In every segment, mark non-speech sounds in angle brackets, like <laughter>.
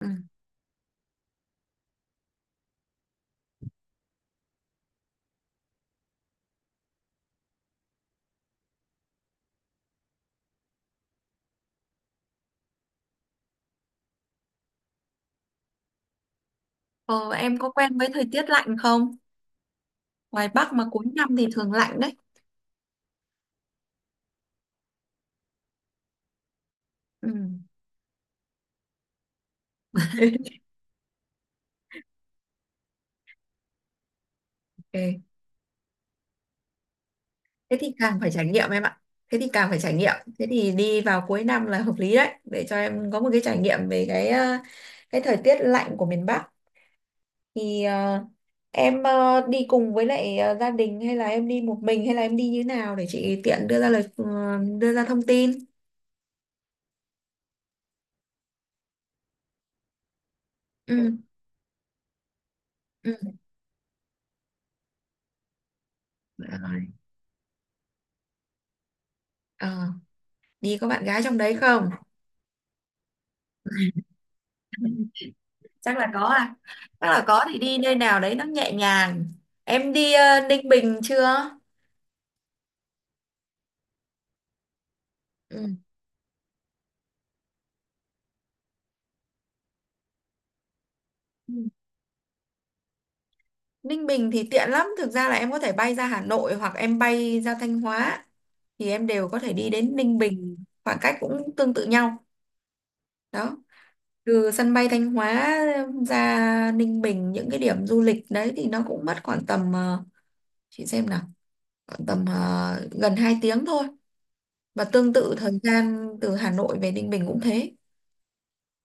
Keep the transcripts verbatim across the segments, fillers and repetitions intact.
Ừ. Ờ, em có quen với thời tiết lạnh không? Ngoài Bắc mà cuối năm thì thường lạnh đấy. Ừ. <laughs> Ok. Thế thì càng phải trải nghiệm em ạ. Thế thì càng phải trải nghiệm. Thế thì đi vào cuối năm là hợp lý đấy để cho em có một cái trải nghiệm về cái ờ, cái thời tiết lạnh của miền Bắc. Thì ờ, em ờ, đi cùng với lại ờ, gia đình hay là em đi một mình hay là em đi như nào để chị tiện đưa ra lời ờ, đưa ra thông tin. Ừ. Ừ. Ừ. Rồi. Ờ, Đi có bạn gái trong đấy không? Chắc là có à? Chắc là có thì đi nơi nào đấy nó nhẹ nhàng. Em đi ờ, Ninh Bình chưa? Ừ. Ừ. Ninh Bình thì tiện lắm, thực ra là em có thể bay ra Hà Nội hoặc em bay ra Thanh Hóa thì em đều có thể đi đến Ninh Bình, khoảng cách cũng tương tự nhau. Đó, từ sân bay Thanh Hóa ra Ninh Bình những cái điểm du lịch đấy thì nó cũng mất khoảng tầm, ờ, chị xem nào, khoảng tầm ờ, gần hai tiếng thôi, và tương tự thời gian từ Hà Nội về Ninh Bình cũng thế.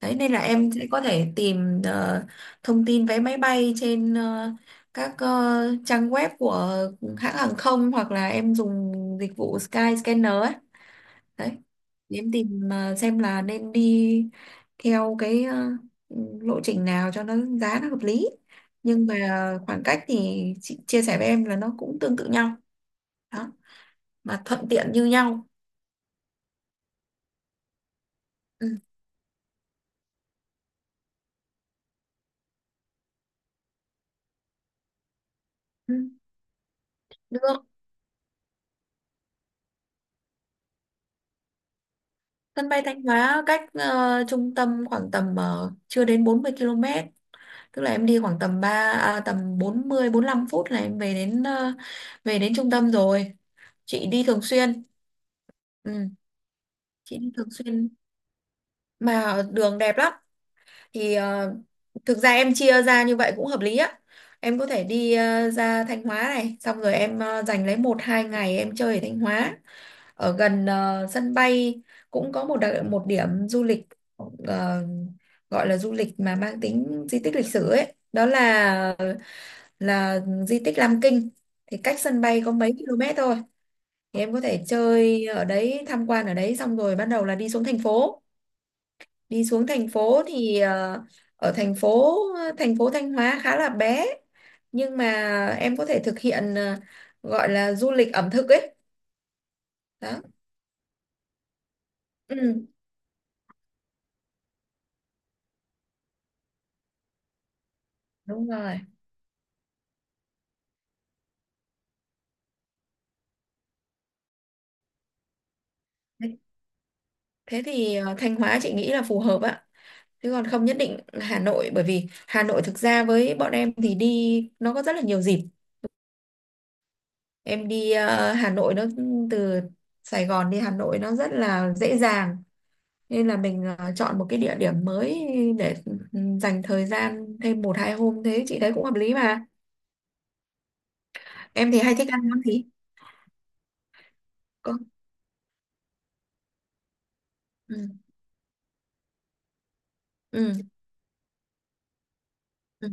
Đấy, nên là em sẽ có thể tìm ờ, thông tin vé máy bay trên ờ, các ờ, trang web của hãng hàng không, hoặc là em dùng dịch vụ Skyscanner ấy. Đấy. Để em tìm ờ, xem là nên đi theo cái ờ, lộ trình nào cho nó giá nó hợp lý. Nhưng mà khoảng cách thì chị chia sẻ với em là nó cũng tương tự nhau. Đó, mà thuận tiện như nhau. Ừ. Ừ. Được. Sân bay Thanh Hóa cách ờ, trung tâm khoảng tầm ờ, chưa đến bốn mươi ki lô mét, tức là em đi khoảng tầm ba à, tầm bốn mươi lăm phút là em về đến ờ, về đến trung tâm rồi. Chị đi thường xuyên. Ừ, chị đi thường xuyên mà đường đẹp lắm. Thì ờ, thực ra em chia ra như vậy cũng hợp lý á. Em có thể đi ờ, ra Thanh Hóa này, xong rồi em ờ, dành lấy một hai ngày em chơi ở Thanh Hóa, ở gần ờ, sân bay cũng có một đ- một điểm du lịch, ờ, gọi là du lịch mà mang tính di tích lịch sử ấy, đó là là di tích Lam Kinh thì cách sân bay có mấy km thôi. Thì em có thể chơi ở đấy, tham quan ở đấy, xong rồi bắt đầu là đi xuống thành phố. Đi xuống thành phố thì ờ, ở thành phố thành phố Thanh Hóa khá là bé, nhưng mà em có thể thực hiện ờ, gọi là du lịch ẩm thực ấy. Đó. Ừ, đúng rồi. Thế thì ờ, Thanh Hóa chị nghĩ là phù hợp ạ. Chứ còn không nhất định là Hà Nội, bởi vì Hà Nội thực ra với bọn em thì đi nó có rất là nhiều dịp. Em đi ờ, Hà Nội nó, từ Sài Gòn đi Hà Nội nó rất là dễ dàng. Nên là mình ờ, chọn một cái địa điểm mới, để ừ, dành thời gian thêm một hai hôm, thế chị thấy cũng hợp lý mà. Em thì hay thích ăn món gì? Có. Ừ. Ừ. Ừ.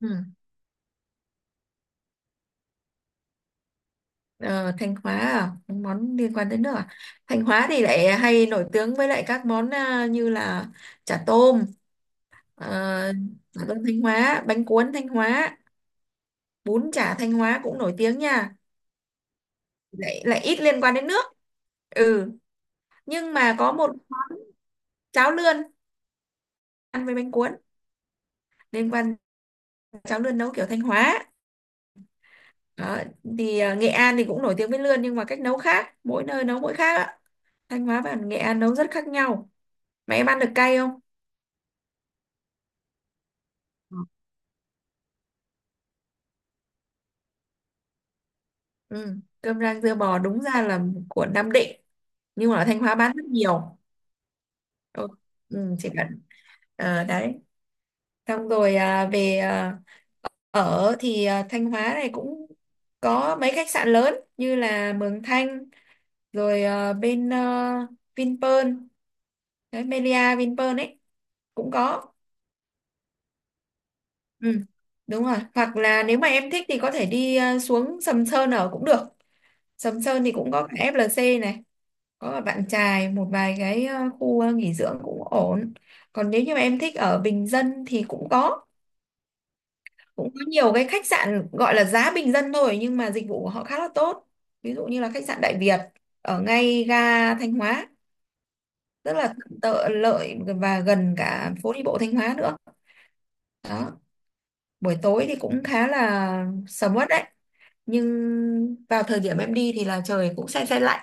Ừ. Ờ, Thanh Hóa à? Món liên quan tới nước à? Thanh Hóa thì lại hay nổi tiếng với lại các món à, như là chả tôm, ờ, chả tôm Thanh Hóa, bánh cuốn Thanh Hóa, bún chả Thanh Hóa cũng nổi tiếng nha. Lại lại ít liên quan đến nước. Ừ, nhưng mà có một món cháo lươn ăn với bánh cuốn, liên quan, cháo lươn nấu kiểu Thanh Hóa. Đó, thì à, Nghệ An thì cũng nổi tiếng với lươn, nhưng mà cách nấu khác, mỗi nơi nấu mỗi khác ạ. Thanh Hóa và Nghệ An nấu rất khác nhau. Mà em ăn được cay không? Ừ. Cơm rang dưa bò đúng ra là của Nam Định nhưng mà ở Thanh Hóa bán rất nhiều. Ừ. Ừ, chỉ cần ờ, đấy, xong rồi à, về à, ở thì à, Thanh Hóa này cũng có mấy khách sạn lớn như là Mường Thanh, rồi à, bên à, Vinpearl đấy, Melia Vinpearl ấy cũng có. Ừ. Đúng rồi, hoặc là nếu mà em thích thì có thể đi à, xuống Sầm Sơn ở cũng được. Sầm Sơn thì cũng có cả ép lờ xê này, có bạn trai một vài cái ờ, khu ờ, nghỉ dưỡng cũng ổn. Còn nếu như mà em thích ở bình dân thì cũng có cũng có nhiều cái khách sạn gọi là giá bình dân thôi nhưng mà dịch vụ của họ khá là tốt, ví dụ như là khách sạn Đại Việt ở ngay ga Thanh Hóa, rất là tợ lợi và gần cả phố đi bộ Thanh Hóa nữa. Đó, buổi tối thì cũng khá là sầm uất đấy, nhưng vào thời điểm em đi thì là trời cũng se se lạnh,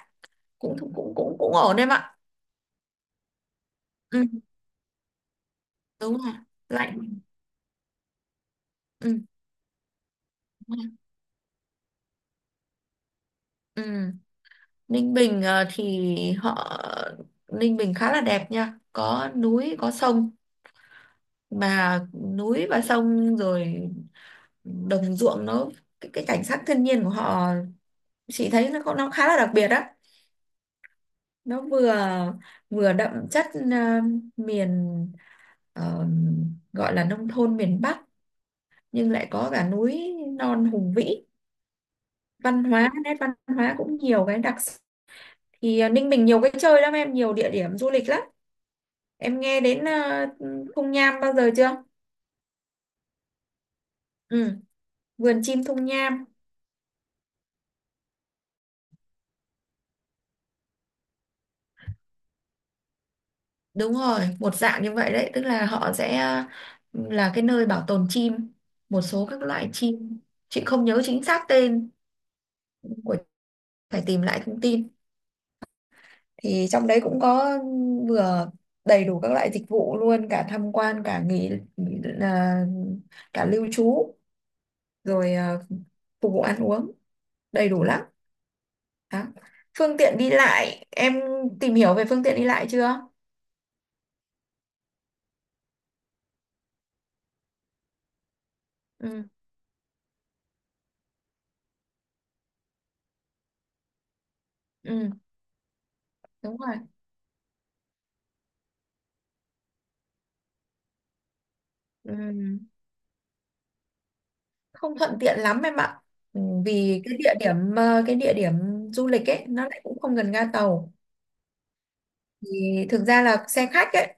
cũng cũng cũng cũng, cũng ổn em ạ. Ừ, đúng rồi, lạnh. Ừ. Ừ. Ninh Bình ờ, thì họ Ninh Bình khá là đẹp nha, có núi có sông, mà núi và sông rồi đồng ruộng nó, cái, cái cảnh sắc thiên nhiên của họ chị thấy nó có- nó khá là đặc biệt á. Nó vừa vừa đậm chất ờ, miền ờ, gọi là nông thôn miền Bắc, nhưng lại có cả núi non hùng vĩ, văn hóa nét văn hóa cũng nhiều cái đặc sắc. Thì ờ, Ninh Bình nhiều cái chơi lắm em, nhiều địa điểm du lịch lắm. Em nghe đến ờ, Thung Nham bao giờ chưa? Ừ, vườn chim Thung Nham. Đúng rồi, một dạng như vậy đấy, tức là họ sẽ ờ, là cái nơi bảo tồn chim, một số các loại chim. Chị không nhớ chính xác tên của, phải tìm lại thông tin. Thì trong đấy cũng có, vừa đầy đủ các loại dịch vụ luôn, cả tham quan, cả nghỉ, nghỉ- ờ, cả lưu trú, rồi ờ, phục vụ ăn uống. Đầy đủ lắm. Đó. Phương tiện đi lại, em tìm hiểu về phương tiện đi lại chưa? Ừ, ừ, đúng rồi. Ừ, không thuận tiện lắm em ạ. Ừ, vì cái địa điểm ờ, cái địa điểm du lịch ấy nó lại cũng không gần ga tàu. Thì thực ra là xe khách ấy,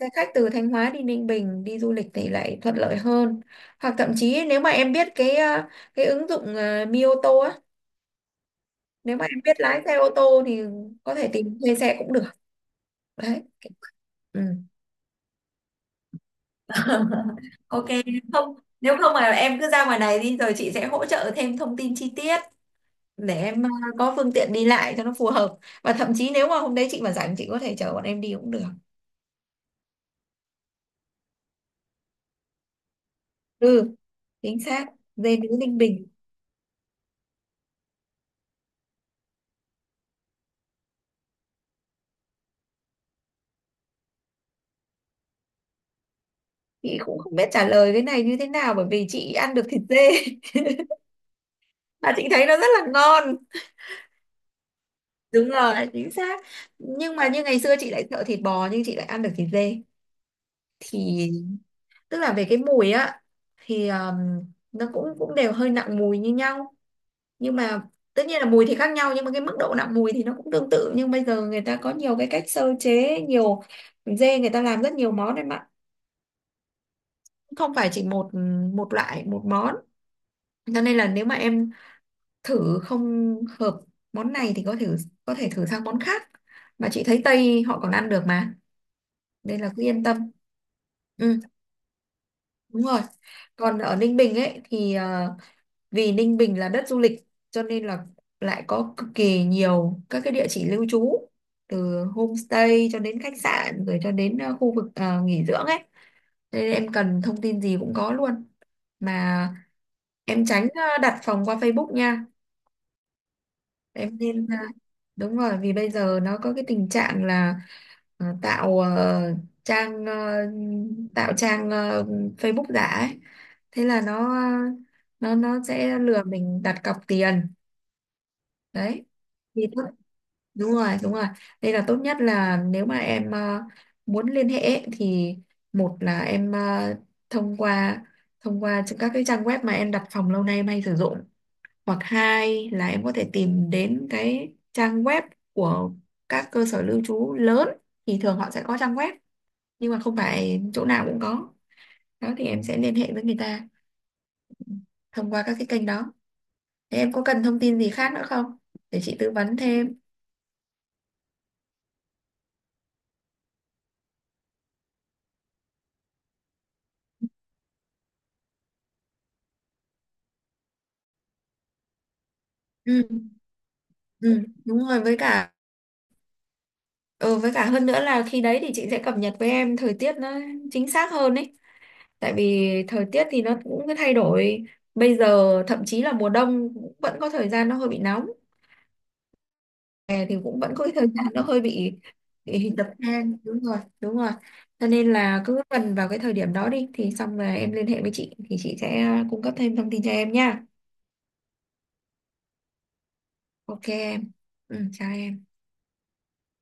xe khách từ Thanh Hóa đi Ninh Bình đi du lịch thì lại thuận lợi hơn. Hoặc thậm chí nếu mà em biết cái ờ, cái ứng dụng ờ, Mi ô tô á, nếu mà em biết lái xe ô tô thì có thể tìm thuê xe cũng được. Đấy. Ừ. <laughs> Ok, không, nếu không mà em cứ ra ngoài này đi rồi chị sẽ hỗ trợ thêm thông tin chi tiết để em ờ, có phương tiện đi lại cho nó phù hợp, và thậm chí nếu mà hôm đấy chị mà rảnh chị có thể chở bọn em đi cũng được. Ừ, chính xác, dê nướng Ninh Bình. Chị cũng không biết trả lời cái này như thế nào bởi vì chị ăn được thịt dê <laughs> và chị thấy nó rất là ngon. Đúng rồi, chính xác. Nhưng mà như ngày xưa chị lại sợ thịt bò nhưng chị lại ăn được thịt dê, thì tức là về cái mùi á thì ờm, nó cũng cũng đều hơi nặng mùi như nhau, nhưng mà tất nhiên là mùi thì khác nhau nhưng mà cái mức độ nặng mùi thì nó cũng tương tự, nhưng bây giờ người ta có nhiều cái cách sơ chế, nhiều, dê người ta làm rất nhiều món em ạ, không phải chỉ một một loại một món, cho nên là nếu mà em thử không hợp món này thì có thể có thể thử sang món khác, mà chị thấy Tây họ còn ăn được mà, nên là cứ yên tâm. ừ, đúng rồi. Còn ở Ninh Bình ấy thì ờ, vì Ninh Bình là đất du lịch cho nên là lại có cực kỳ nhiều các cái địa chỉ lưu trú, từ homestay cho đến khách sạn rồi cho đến ờ, khu vực ờ, nghỉ dưỡng ấy. Thế nên em cần thông tin gì cũng có luôn, mà em tránh ờ, đặt phòng qua Facebook nha. em nên ờ, Đúng rồi, vì bây giờ nó có cái tình trạng là ờ, tạo ờ, trang ờ, tạo trang ờ, Facebook giả ấy, thế là nó ờ, nó nó sẽ lừa mình đặt cọc tiền. Đấy thì tốt, đúng rồi, đúng rồi, đây là tốt nhất là nếu mà em ờ, muốn liên hệ ấy, thì một là em ờ, thông qua thông qua các cái trang web mà em đặt phòng lâu nay em hay sử dụng, hoặc hai là em có thể tìm đến cái trang web của các cơ sở lưu trú lớn, thì thường họ sẽ có trang web nhưng mà không phải chỗ nào cũng có. Đó thì em sẽ liên hệ với người ta thông qua các cái kênh đó. Thế em có cần thông tin gì khác nữa không để chị tư vấn thêm? ừ. Ừ, đúng rồi, với cả ừ, với cả hơn nữa là khi đấy thì chị sẽ cập nhật với em thời tiết nó chính xác hơn ấy, tại vì thời tiết thì nó cũng cứ thay đổi, bây giờ thậm chí là mùa đông cũng vẫn có thời gian nó hơi bị nóng, hè thì cũng vẫn có cái thời gian nó hơi bị, bị dập than. Đúng rồi, đúng rồi, cho nên là cứ gần vào cái thời điểm đó đi thì xong rồi em liên hệ với chị thì chị sẽ cung cấp thêm thông tin cho em nha. Ok em. Ừ, chào em.